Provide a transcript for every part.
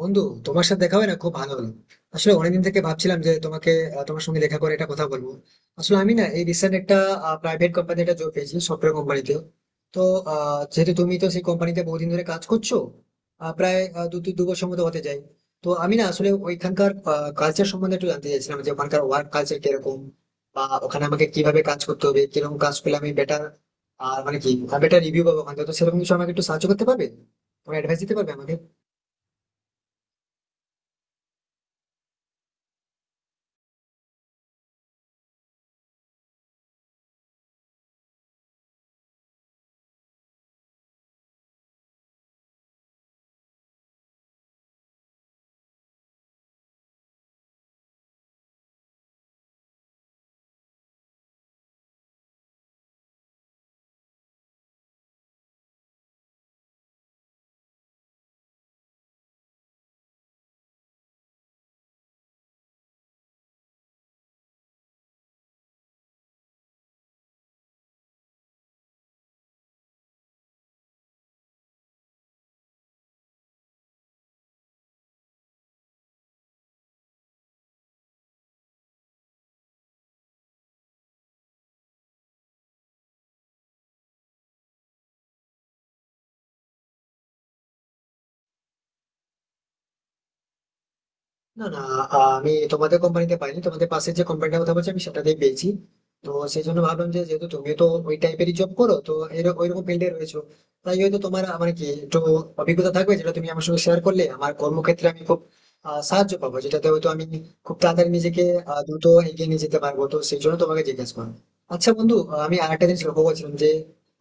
বন্ধু, তোমার সাথে দেখা হয় না, খুব ভালো হলো। আসলে অনেকদিন থেকে ভাবছিলাম যে তোমাকে তোমার সঙ্গে দেখা করে একটা কথা বলবো। আসলে আমি না এই রিসেন্ট একটা প্রাইভেট কোম্পানি একটা জব পেয়েছি সফটওয়্যার কোম্পানিতে। তো যেহেতু তুমি তো সেই কোম্পানিতে বহুদিন ধরে কাজ করছো, প্রায় দু বছর মতো হতে যায়। তো আমি না আসলে ওইখানকার কালচার সম্বন্ধে একটু জানতে চাইছিলাম, যে ওখানকার ওয়ার্ক কালচার কিরকম বা ওখানে আমাকে কিভাবে কাজ করতে হবে, কিরকম কাজ করলে আমি বেটার আর মানে কি বেটার রিভিউ পাবো ওখান থেকে। তো সেরকম কিছু আমাকে একটু সাহায্য করতে পারবে, তুমি অ্যাডভাইস দিতে পারবে আমাকে? না না, আমি তোমাদের কোম্পানিতে পাইনি, তোমাদের পাশে যে কোম্পানিটার কথা বলছি আমি সেটাতেই পেয়েছি। তো সেই জন্য ভাবলাম যে যেহেতু তুমি তো ওই টাইপেরই জব করো, তো ওইরকম ফিল্ডে রয়েছো, তাই হয়তো তোমার মানে কি একটু অভিজ্ঞতা থাকবে, যেটা তুমি আমার সঙ্গে শেয়ার করলে আমার কর্মক্ষেত্রে আমি খুব সাহায্য পাবো, যেটাতে হয়তো আমি খুব তাড়াতাড়ি নিজেকে দ্রুত এগিয়ে নিয়ে যেতে পারবো। তো সেই জন্য তোমাকে জিজ্ঞেস করো। আচ্ছা বন্ধু, আমি আরেকটা জিনিস লক্ষ্য করছিলাম যে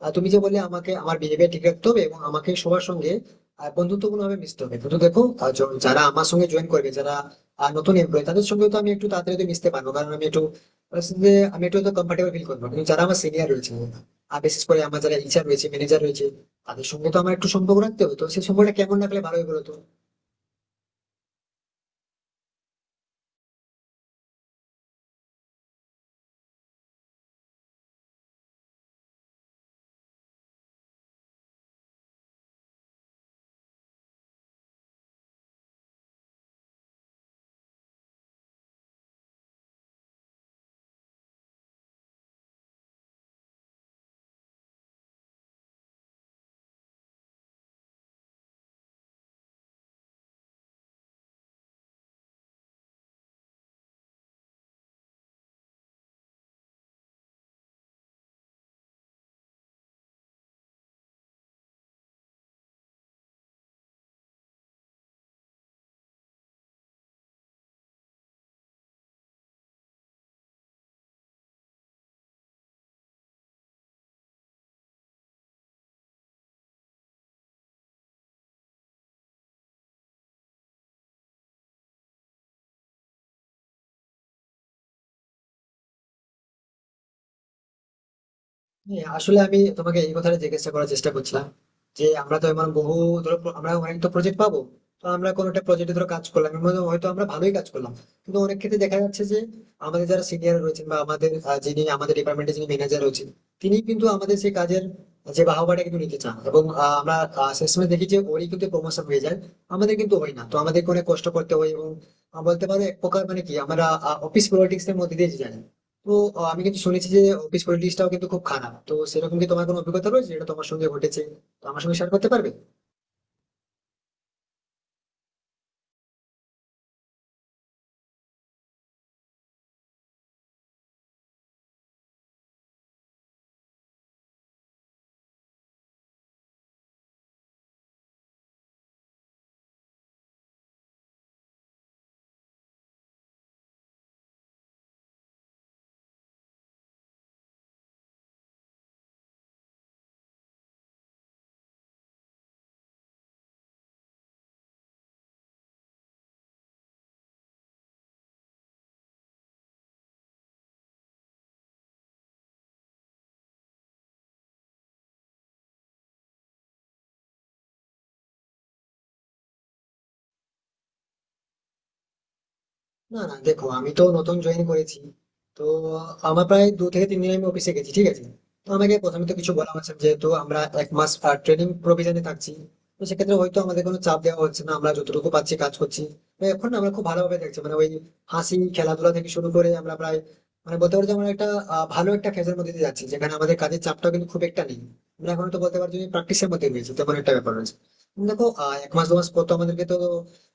তুমি যে বললে আমাকে আমার বিহেভিয়ার ঠিক রাখতে হবে এবং আমাকে সবার সঙ্গে আর বন্ধুত্বপূর্ণ ভাবে মিশতে হবে, কিন্তু দেখো যারা আমার সঙ্গে জয়েন করবে, যারা আর নতুন এমপ্লয়ি, তাদের সঙ্গে তো আমি একটু তাড়াতাড়ি হয়তো মিশতে পারবো কারণ আমি একটু তাদের সঙ্গে আমি একটু হয়তো কমফর্টেবল ফিল করবো। কিন্তু যারা আমার সিনিয়র রয়েছে আর বিশেষ করে আমার যারা ইচার রয়েছে, ম্যানেজার রয়েছে, তাদের সঙ্গে তো আমার একটু সম্পর্ক রাখতে হবে। তো সেই সম্পর্কটা কেমন রাখলে ভালো হবে বলতো? হ্যাঁ, আসলে আমি তোমাকে এই কথাটা জিজ্ঞাসা করার চেষ্টা করছিলাম যে আমরা তো এমন বহু ধরো আমরা অনেক তো প্রজেক্ট পাবো। তো আমরা কোনো একটা প্রজেক্টে ধরো কাজ করলাম, এর মধ্যে হয়তো আমরা ভালোই কাজ করলাম, কিন্তু অনেক ক্ষেত্রে দেখা যাচ্ছে যে আমাদের যারা সিনিয়র রয়েছেন বা আমাদের যিনি আমাদের ডিপার্টমেন্টে যিনি ম্যানেজার রয়েছেন, তিনি কিন্তু আমাদের সেই কাজের যে বাহবাটা কিন্তু নিতে চান এবং আমরা শেষমেশ দেখি যে ওরই কিন্তু প্রমোশন হয়ে যায়, আমাদের কিন্তু হয় না। তো আমাদেরকে অনেক কষ্ট করতে হয় এবং বলতে পারো এক প্রকার মানে কি আমরা অফিস পলিটিক্স এর মধ্যে দিয়ে যাই। তো আমি কিন্তু শুনেছি যে অফিস পলিটিক্সটাও কিন্তু খুব খারাপ। তো সেরকম কি তোমার কোনো অভিজ্ঞতা রয়েছে যেটা তোমার সঙ্গে ঘটেছে, তো আমার সঙ্গে শেয়ার করতে পারবে? না না দেখো, আমি তো নতুন জয়েন করেছি। তো আমার প্রায় 2 থেকে 3 দিন আমি অফিসে গেছি, ঠিক আছে? তো আমাকে প্রথমে তো কিছু বলা হচ্ছে না, যেহেতু আমরা 1 মাস ট্রেনিং প্রভিজনে থাকছি। তো সেক্ষেত্রে হয়তো আমাদের কোনো চাপ দেওয়া হচ্ছে না, আমরা যতটুকু পাচ্ছি কাজ করছি। তো এখন আমরা খুব ভালোভাবে দেখছি মানে ওই হাসি খেলাধুলা থেকে শুরু করে আমরা প্রায় মানে বলতে পারো যে আমরা একটা ভালো একটা ফেজের মধ্যে দিয়ে যাচ্ছি, যেখানে আমাদের কাজের চাপটা কিন্তু খুব একটা নেই। আমরা এখন তো বলতে পারছি প্র্যাকটিসের মধ্যে রয়েছে তেমন একটা ব্যাপার রয়েছে। দেখো 1 মাস 2 মাস পর তো আমাদেরকে তো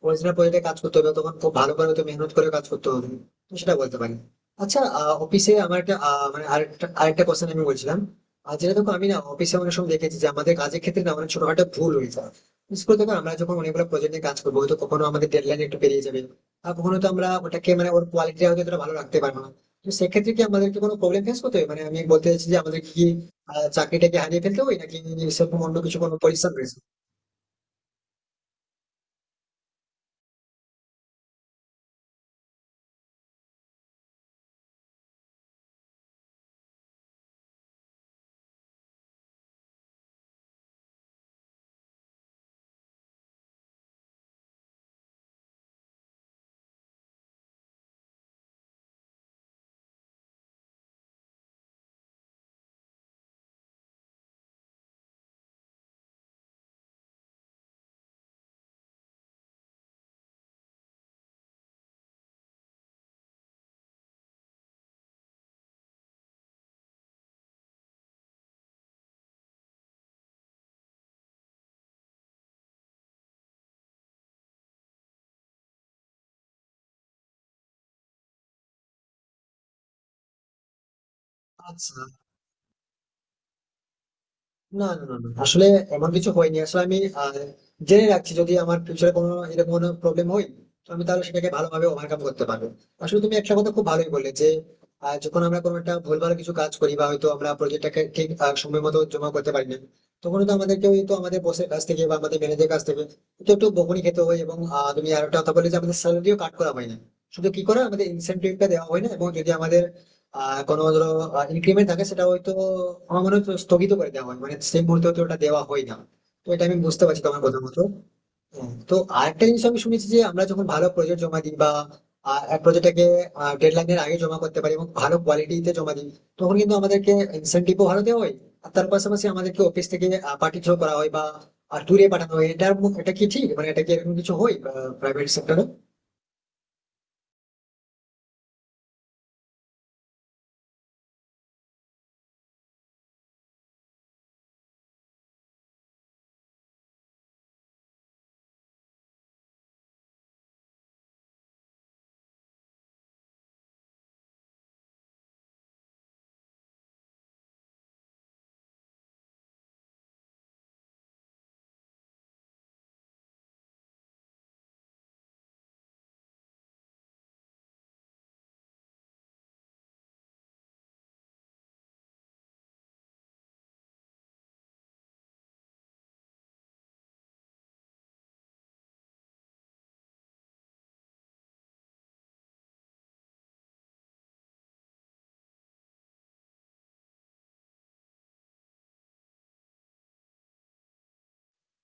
অরিজিনাল প্রজেক্টে কাজ করতে হবে, তখন খুব ভালো করে হয়তো মেহনত করে কাজ করতে হবে। তো সেটা বলতে পারি। আচ্ছা, অফিসে আমার একটা আহ, মানে আরেকটা আরেকটা কোশ্চেন আমি বলছিলাম, আর যেটা দেখো আমি না অফিসে অনেক সময় দেখেছি যে আমাদের কাজের ক্ষেত্রে না অনেক ছোটখাটো ভুল হয়ে যায়। বিশেষ করে দেখো, আমরা যখন অনেকগুলো প্রজেক্ট নিয়ে কাজ করবো হয়তো কখনো আমাদের ডেডলাইন একটু পেরিয়ে যাবে আর কখনো তো আমরা ওটাকে মানে ওর কোয়ালিটি হয়তো এতটা ভালো রাখতে পারবো না। তো সেক্ষেত্রে কি আমাদেরকে কোনো প্রবলেম ফেস করতে হবে? মানে আমি বলতে চাইছি যে আমাদের কি চাকরিটাকে হারিয়ে ফেলতে হবে নাকি সেরকম অন্য কিছু কোনো পরিশ্রম রয়েছে? আচ্ছা, না না না না। আসলে এমন কিছু হয়নি, আসলে আমি জেনে রাখছি যদি আমার ফিউচারে কোনো এরকম কোনো প্রবলেম হয় তো আমি তাহলে সেটাকে ভালোভাবে ওভারকাম করতে পারবো। আসলে তুমি একটা কথা খুব ভালোই বললে যে যখন আমরা কোনো একটা ভুলভাল কিছু কাজ করি বা হয়তো আমরা প্রজেক্টটাকে ঠিক সময় মতো জমা করতে পারি না, তখন তো আমাদেরকে ওই তো আমাদের বসের কাছ থেকে বা আমাদের ম্যানেজার কাছ থেকে তো একটু বকুনি খেতে হয় এবং তুমি আর একটা কথা বলে যে আমাদের স্যালারিও কাট করা হয় না, শুধু কি করা আমাদের ইনসেনটিভটা দেওয়া হয় না এবং যদি আমাদের কোনো ধরো ইনক্রিমেন্ট থাকে সেটা হয়তো আমার মনে হয় স্থগিত করে দেওয়া হয়, মানে সেই মুহূর্তে হয়তো ওটা দেওয়া হয় না। তো এটা আমি বুঝতে পারছি তোমার কথা মতো। হ্যাঁ, তো আরেকটা জিনিস আমি শুনেছি যে আমরা যখন ভালো প্রজেক্ট জমা দিই বা এক প্রজেক্টটাকে ডেডলাইনের আগে জমা করতে পারি এবং ভালো কোয়ালিটিতে জমা দিই তখন কিন্তু আমাদেরকে ইনসেন্টিভও ভালো দেওয়া হয়। আর তার পাশাপাশি আমাদেরকে অফিস থেকে পার্টি থ্রো করা হয় বা ট্যুরে পাঠানো হয়। এটা, এটা কি ঠিক, মানে এটা কি এরকম কিছু হয় প্রাইভেট সেক্টরে?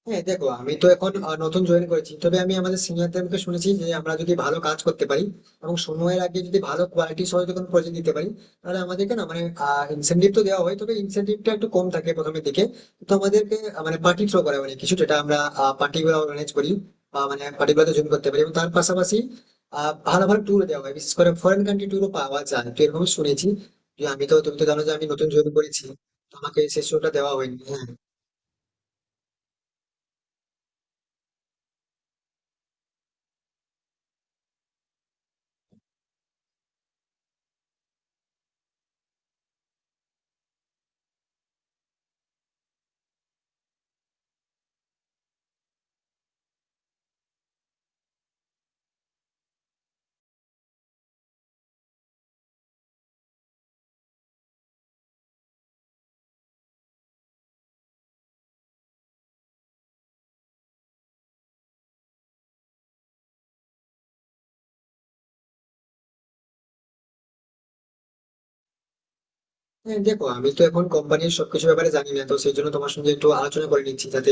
হ্যাঁ দেখো, আমি তো এখন নতুন জয়েন করেছি, তবে আমি আমাদের সিনিয়রদের মুখে শুনেছি যে আমরা যদি ভালো কাজ করতে পারি এবং সময়ের আগে যদি ভালো কোয়ালিটি সহ যদি কোনো প্রজেক্ট দিতে পারি, তাহলে আমাদেরকে না মানে ইনসেনটিভ তো দেওয়া হয় তবে ইনসেনটিভটা একটু কম থাকে প্রথমের দিকে। তো আমাদেরকে মানে পার্টি থ্রো করা মানে কিছু যেটা আমরা পার্টি গুলো অর্গানাইজ করি বা মানে পার্টি গুলোতে জয়েন করতে পারি এবং তার পাশাপাশি ভালো ভালো ট্যুর দেওয়া হয়, বিশেষ করে ফরেন কান্ট্রি ট্যুরও পাওয়া যায়। তো এরকম শুনেছি যে আমি তো, তুমি তো জানো যে আমি নতুন জয়েন করেছি, তো আমাকে সেই শোটা দেওয়া হয়নি। হ্যাঁ, হ্যাঁ, দেখো আমি তো এখন কোম্পানির সবকিছু ব্যাপারে জানি না, তো সেই জন্য তোমার সঙ্গে একটু আলোচনা করে নিচ্ছি যাতে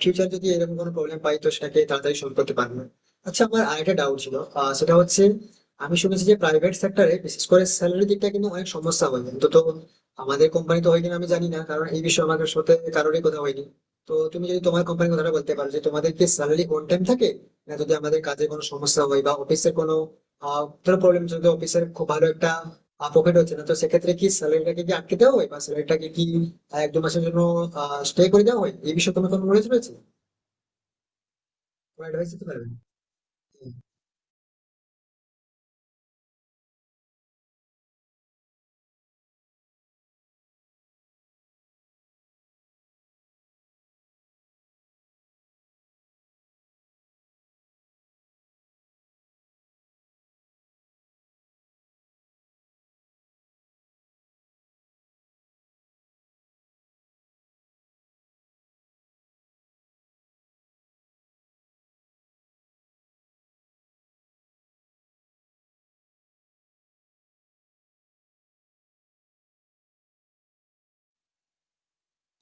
ফিউচার যদি এরকম কোনো প্রবলেম পাই তো সেটাকে তাড়াতাড়ি সলভ করতে পারবো। আচ্ছা, আমার আরেকটা ডাউট ছিল, সেটা হচ্ছে আমি শুনেছি যে প্রাইভেট সেক্টরে বিশেষ করে স্যালারি দিকটা কিন্তু অনেক সমস্যা হয় কিন্তু। তো আমাদের কোম্পানি তো হয় কিনা আমি জানি না, কারণ এই বিষয়ে আমার সাথে কারোরই কথা হয়নি। তো তুমি যদি তোমার কোম্পানির কথাটা বলতে পারো যে তোমাদের কি স্যালারি অন টাইম থাকে, না যদি আমাদের কাজে কোনো সমস্যা হয় বা অফিসের কোনো ধরো প্রবলেম, যদি অফিসের খুব ভালো একটা প্রফিট হচ্ছে না তো সেক্ষেত্রে কি স্যালারিটাকে কি আটকে দেওয়া হয় বা স্যালারিটাকে কি 1-2 মাসের জন্য স্টে করে দেওয়া হয়? এই বিষয়ে তোমার কোনো নলেজ রয়েছে, কোনো অ্যাডভাইস দিতে পারবে?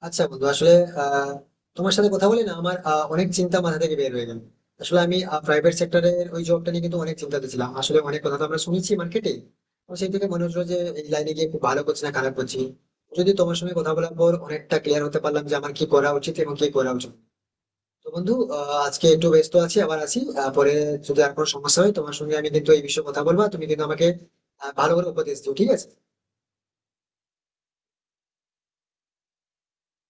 আচ্ছা বন্ধু, আসলে আহ, তোমার সাথে কথা বলে না আমার অনেক চিন্তা মাথা থেকে বের হয়ে গেল। আসলে আমি প্রাইভেট সেক্টরের ওই জবটা নিয়ে কিন্তু অনেক চিন্তাতে ছিলাম, আসলে অনেক কথা তো আমরা শুনেছি মার্কেটে, তো সেই থেকে মনে হচ্ছিল যে এই লাইনে গিয়ে খুব ভালো করছি না খারাপ করছি। যদি তোমার সঙ্গে কথা বলার পর অনেকটা ক্লিয়ার হতে পারলাম যে আমার কি করা উচিত এবং কি করা উচিত না। তো বন্ধু, আজকে একটু ব্যস্ত আছি, আবার আছি পরে যদি আর কোনো সমস্যা হয় তোমার সঙ্গে আমি কিন্তু এই বিষয়ে কথা বলবো, আর তুমি কিন্তু আমাকে ভালো করে উপদেশ দিও, ঠিক আছে?